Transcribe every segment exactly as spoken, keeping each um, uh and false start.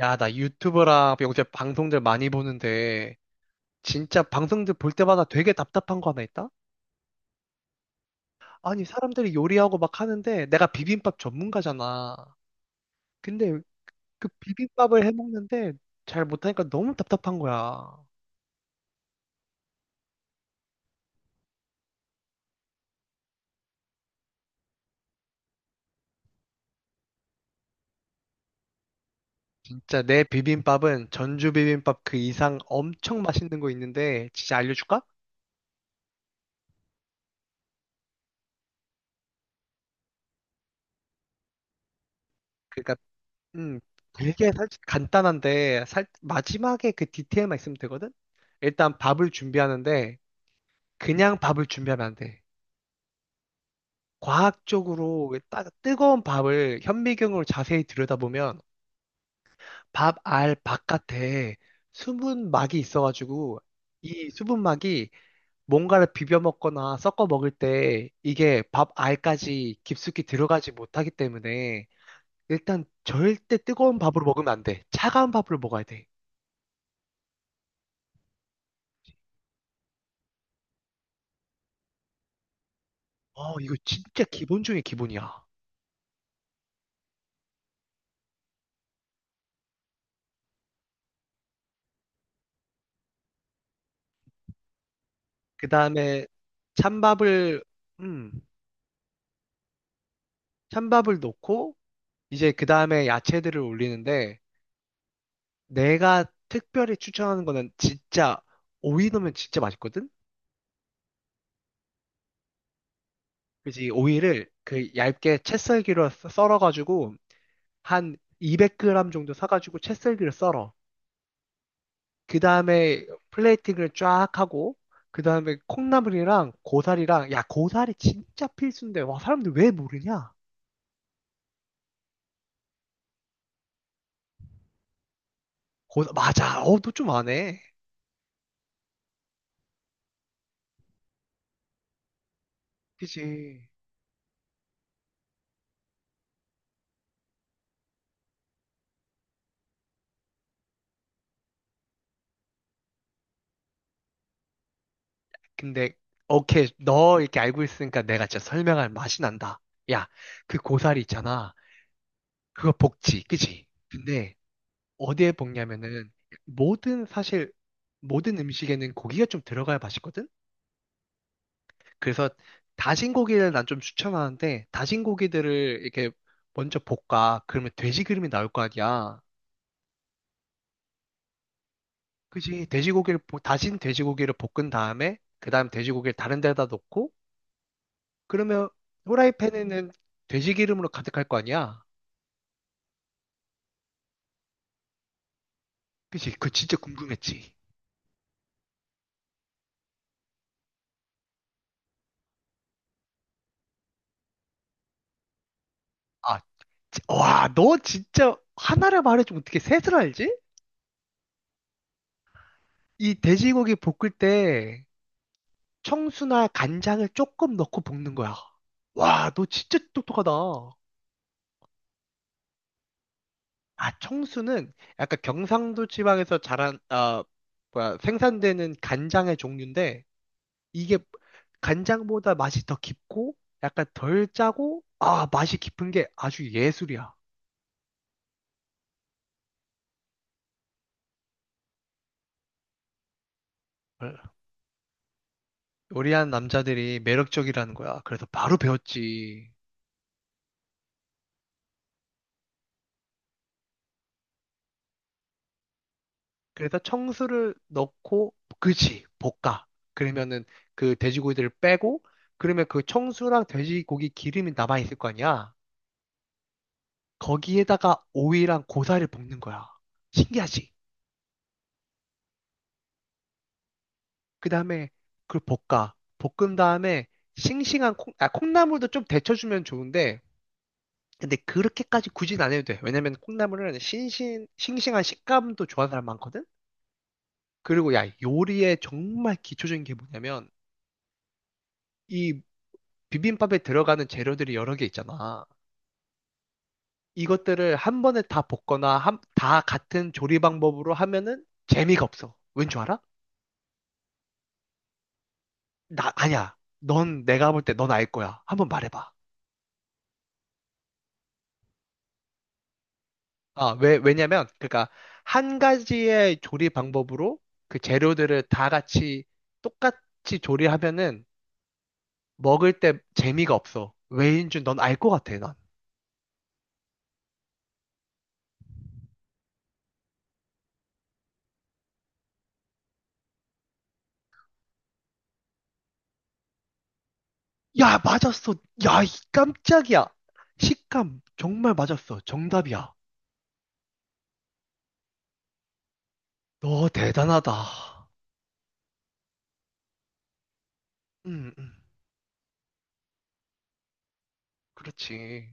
야, 나 유튜버랑 요새 방송들 많이 보는데, 진짜 방송들 볼 때마다 되게 답답한 거 하나 있다? 아니, 사람들이 요리하고 막 하는데, 내가 비빔밥 전문가잖아. 근데 그 비빔밥을 해 먹는데, 잘 못하니까 너무 답답한 거야. 진짜 내 비빔밥은 전주 비빔밥 그 이상 엄청 맛있는 거 있는데, 진짜 알려줄까? 그러니까, 음, 되게 살, 간단한데, 살, 마지막에 그 디테일만 있으면 되거든? 일단 밥을 준비하는데, 그냥 밥을 준비하면 안 돼. 과학적으로 왜 따, 뜨거운 밥을 현미경으로 자세히 들여다보면 밥알 바깥에 수분막이 있어가지고 이 수분막이 뭔가를 비벼 먹거나 섞어 먹을 때 이게 밥 알까지 깊숙이 들어가지 못하기 때문에 일단 절대 뜨거운 밥으로 먹으면 안 돼. 차가운 밥으로 먹어야 돼. 어, 이거 진짜 기본 중에 기본이야. 그 다음에 찬밥을, 음, 찬밥을 넣고 이제 그 다음에 야채들을 올리는데 내가 특별히 추천하는 거는 진짜 오이 넣으면 진짜 맛있거든? 그지? 오이를 그 얇게 채 썰기로 썰- 썰어가지고 한 이백 그램 정도 사가지고 채 썰기로 썰어. 그 다음에 플레이팅을 쫙 하고 그 다음에 콩나물이랑 고사리랑 야 고사리 진짜 필수인데 와 사람들 왜 모르냐? 고 맞아. 어, 너 좀 아네. 그지? 근데 오케이 너 이렇게 알고 있으니까 내가 진짜 설명할 맛이 난다. 야, 그 고사리 있잖아. 그거 복지, 그지? 근데 어디에 볶냐면은 모든 사실 모든 음식에는 고기가 좀 들어가야 맛있거든? 그래서 다진 고기를 난 좀 추천하는데 다진 고기들을 이렇게 먼저 볶아. 그러면 돼지 기름이 나올 거 아니야. 그지? 돼지고기를 볶- 다진 돼지고기를 볶은 다음에 그다음 돼지고기를 다른 데다 놓고 그러면 후라이팬에는 돼지 기름으로 가득할 거 아니야. 그지? 그거 진짜 궁금했지. 아, 와, 너 진짜 하나를 말해주면 어떻게 셋을 알지? 이 돼지고기 볶을 때 청수나 간장을 조금 넣고 볶는 거야. 와, 너 진짜 똑똑하다. 아, 청수는 약간 경상도 지방에서 자란, 아, 뭐야, 생산되는 간장의 종류인데, 이게 간장보다 맛이 더 깊고, 약간 덜 짜고, 아, 맛이 깊은 게 아주 예술이야. 어, 요리하는 남자들이 매력적이라는 거야. 그래서 바로 배웠지. 그래서 청수를 넣고 그치 볶아. 그러면은 그 돼지고기들을 빼고 그러면 그 청수랑 돼지고기 기름이 남아 있을 거 아니야. 거기에다가 오이랑 고사를 볶는 거야. 신기하지. 그 다음에 그걸 볶아 볶은 다음에 싱싱한 콩, 아, 콩나물도 좀 데쳐주면 좋은데 근데 그렇게까지 굳이 안 해도 돼. 왜냐면 콩나물은 신신 싱싱한 식감도 좋아하는 사람 많거든. 그리고 야 요리의 정말 기초적인 게 뭐냐면 이 비빔밥에 들어가는 재료들이 여러 개 있잖아. 이것들을 한 번에 다 볶거나 한- 다 같은 조리 방법으로 하면은 재미가 없어. 왠 줄 알아? 나 아니야. 넌 내가 볼 때 넌 알 거야. 한번 말해봐. 아, 왜 왜냐면 그러니까 한 가지의 조리 방법으로 그 재료들을 다 같이 똑같이 조리하면은 먹을 때 재미가 없어. 왜인 줄 넌 알 것 같아, 난. 야, 맞았어. 야, 이 깜짝이야. 식감 정말 맞았어. 정답이야. 너 대단하다. 음, 음, 그렇지.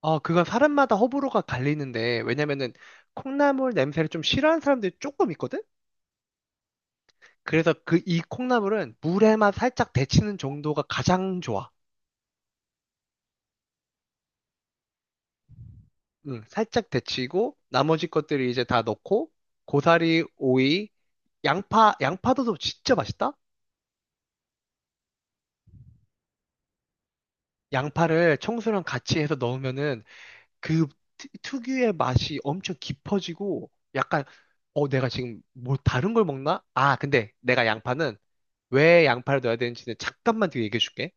아, 그건 사람마다 호불호가 갈리는데, 왜냐면은 콩나물 냄새를 좀 싫어하는 사람들이 조금 있거든? 그래서 그 이 콩나물은 물에만 살짝 데치는 정도가 가장 좋아. 응, 살짝 데치고, 나머지 것들이 이제 다 넣고, 고사리, 오이, 양파, 양파도 진짜 맛있다? 양파를 청소랑 같이 해서 넣으면은 그 트- 특유의 맛이 엄청 깊어지고 약간 어 내가 지금 뭐 다른 걸 먹나? 아 근데 내가 양파는 왜 양파를 넣어야 되는지는 잠깐만 뒤에 얘기해 줄게.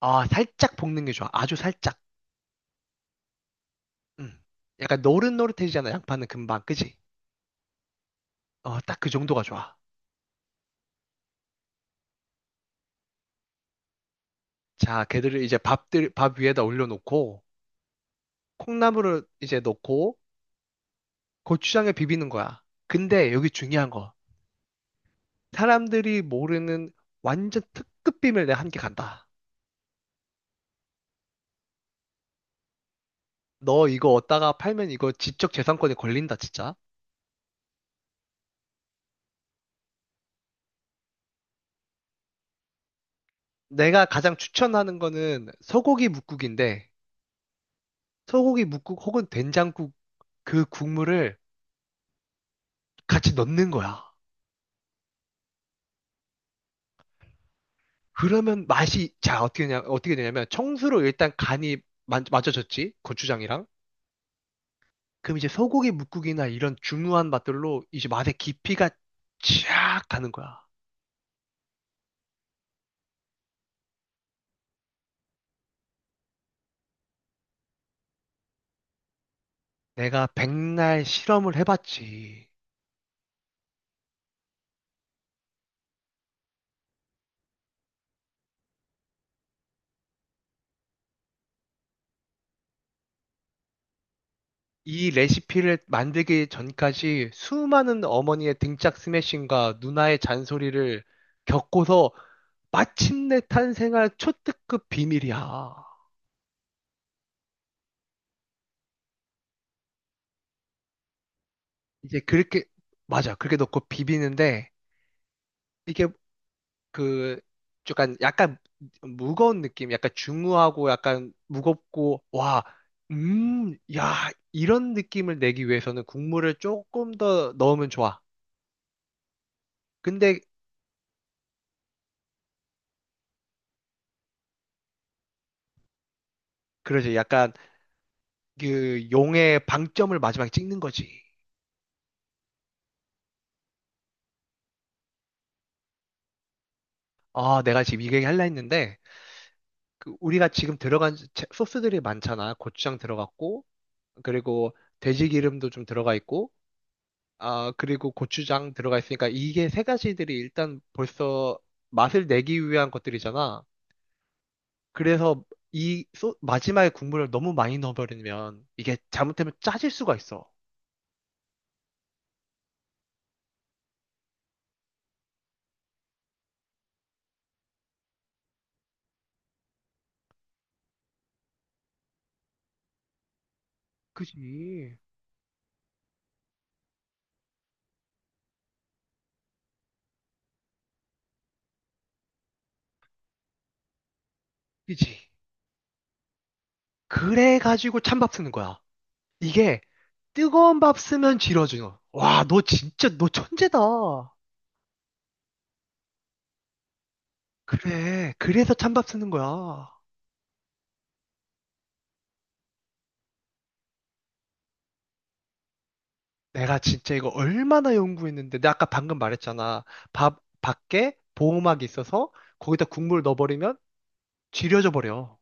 아 살짝 볶는 게 좋아. 아주 살짝. 음. 약간 노릇노릇해지잖아. 양파는 금방 그지? 어딱 그 정도가 좋아. 자 걔들을 이제 밥들 밥 위에다 올려놓고 콩나물을 이제 넣고 고추장에 비비는 거야. 근데 여기 중요한 거 사람들이 모르는 완전 특급 비밀 내가 한 개 간다. 너 이거 얻다가 팔면 이거 지적 재산권에 걸린다, 진짜. 내가 가장 추천하는 거는 소고기 뭇국인데, 소고기 뭇국 혹은 된장국 그 국물을 같이 넣는 거야. 그러면 맛이, 자, 어떻게 되냐, 어떻게 되냐면, 청수로 일단 간이 만- 맞춰졌지? 고추장이랑. 그럼 이제 소고기 뭇국이나 이런 중후한 맛들로 이제 맛의 깊이가 쫙 가는 거야. 내가 백날 실험을 해봤지. 이 레시피를 만들기 전까지 수많은 어머니의 등짝 스매싱과 누나의 잔소리를 겪고서 마침내 탄생한 초특급 비밀이야. 이제 그렇게, 맞아. 그렇게 넣고 비비는데, 이게 그, 약간, 약간 무거운 느낌, 약간 중후하고 약간 무겁고, 와, 음, 야, 이런 느낌을 내기 위해서는 국물을 조금 더 넣으면 좋아. 근데, 그러지. 약간 그 용의 방점을 마지막에 찍는 거지. 아, 내가 지금 이 얘기 할라 했는데, 그 우리가 지금 들어간 제- 소스들이 많잖아. 고추장 들어갔고, 그리고 돼지 기름도 좀 들어가 있고, 아, 그리고 고추장 들어가 있으니까 이게 세 가지들이 일단 벌써 맛을 내기 위한 것들이잖아. 그래서 이 소, 마지막에 국물을 너무 많이 넣어버리면 이게 잘못되면 짜질 수가 있어. 그지. 그지. 그래가지고 찬밥 쓰는 거야. 이게 뜨거운 밥 쓰면 질어줘. 와, 너 진짜, 너 천재다. 그래, 그래서 찬밥 쓰는 거야. 내가 진짜 이거 얼마나 연구했는데. 내가 아까 방금 말했잖아. 밥, 밖에 보호막이 있어서 거기다 국물 넣어버리면 질려져 버려.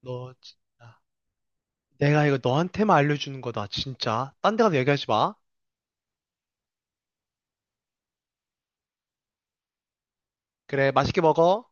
너 진짜. 내가 이거 너한테만 알려주는 거다, 진짜. 딴 데 가서 얘기하지 마. 그래, 맛있게 먹어.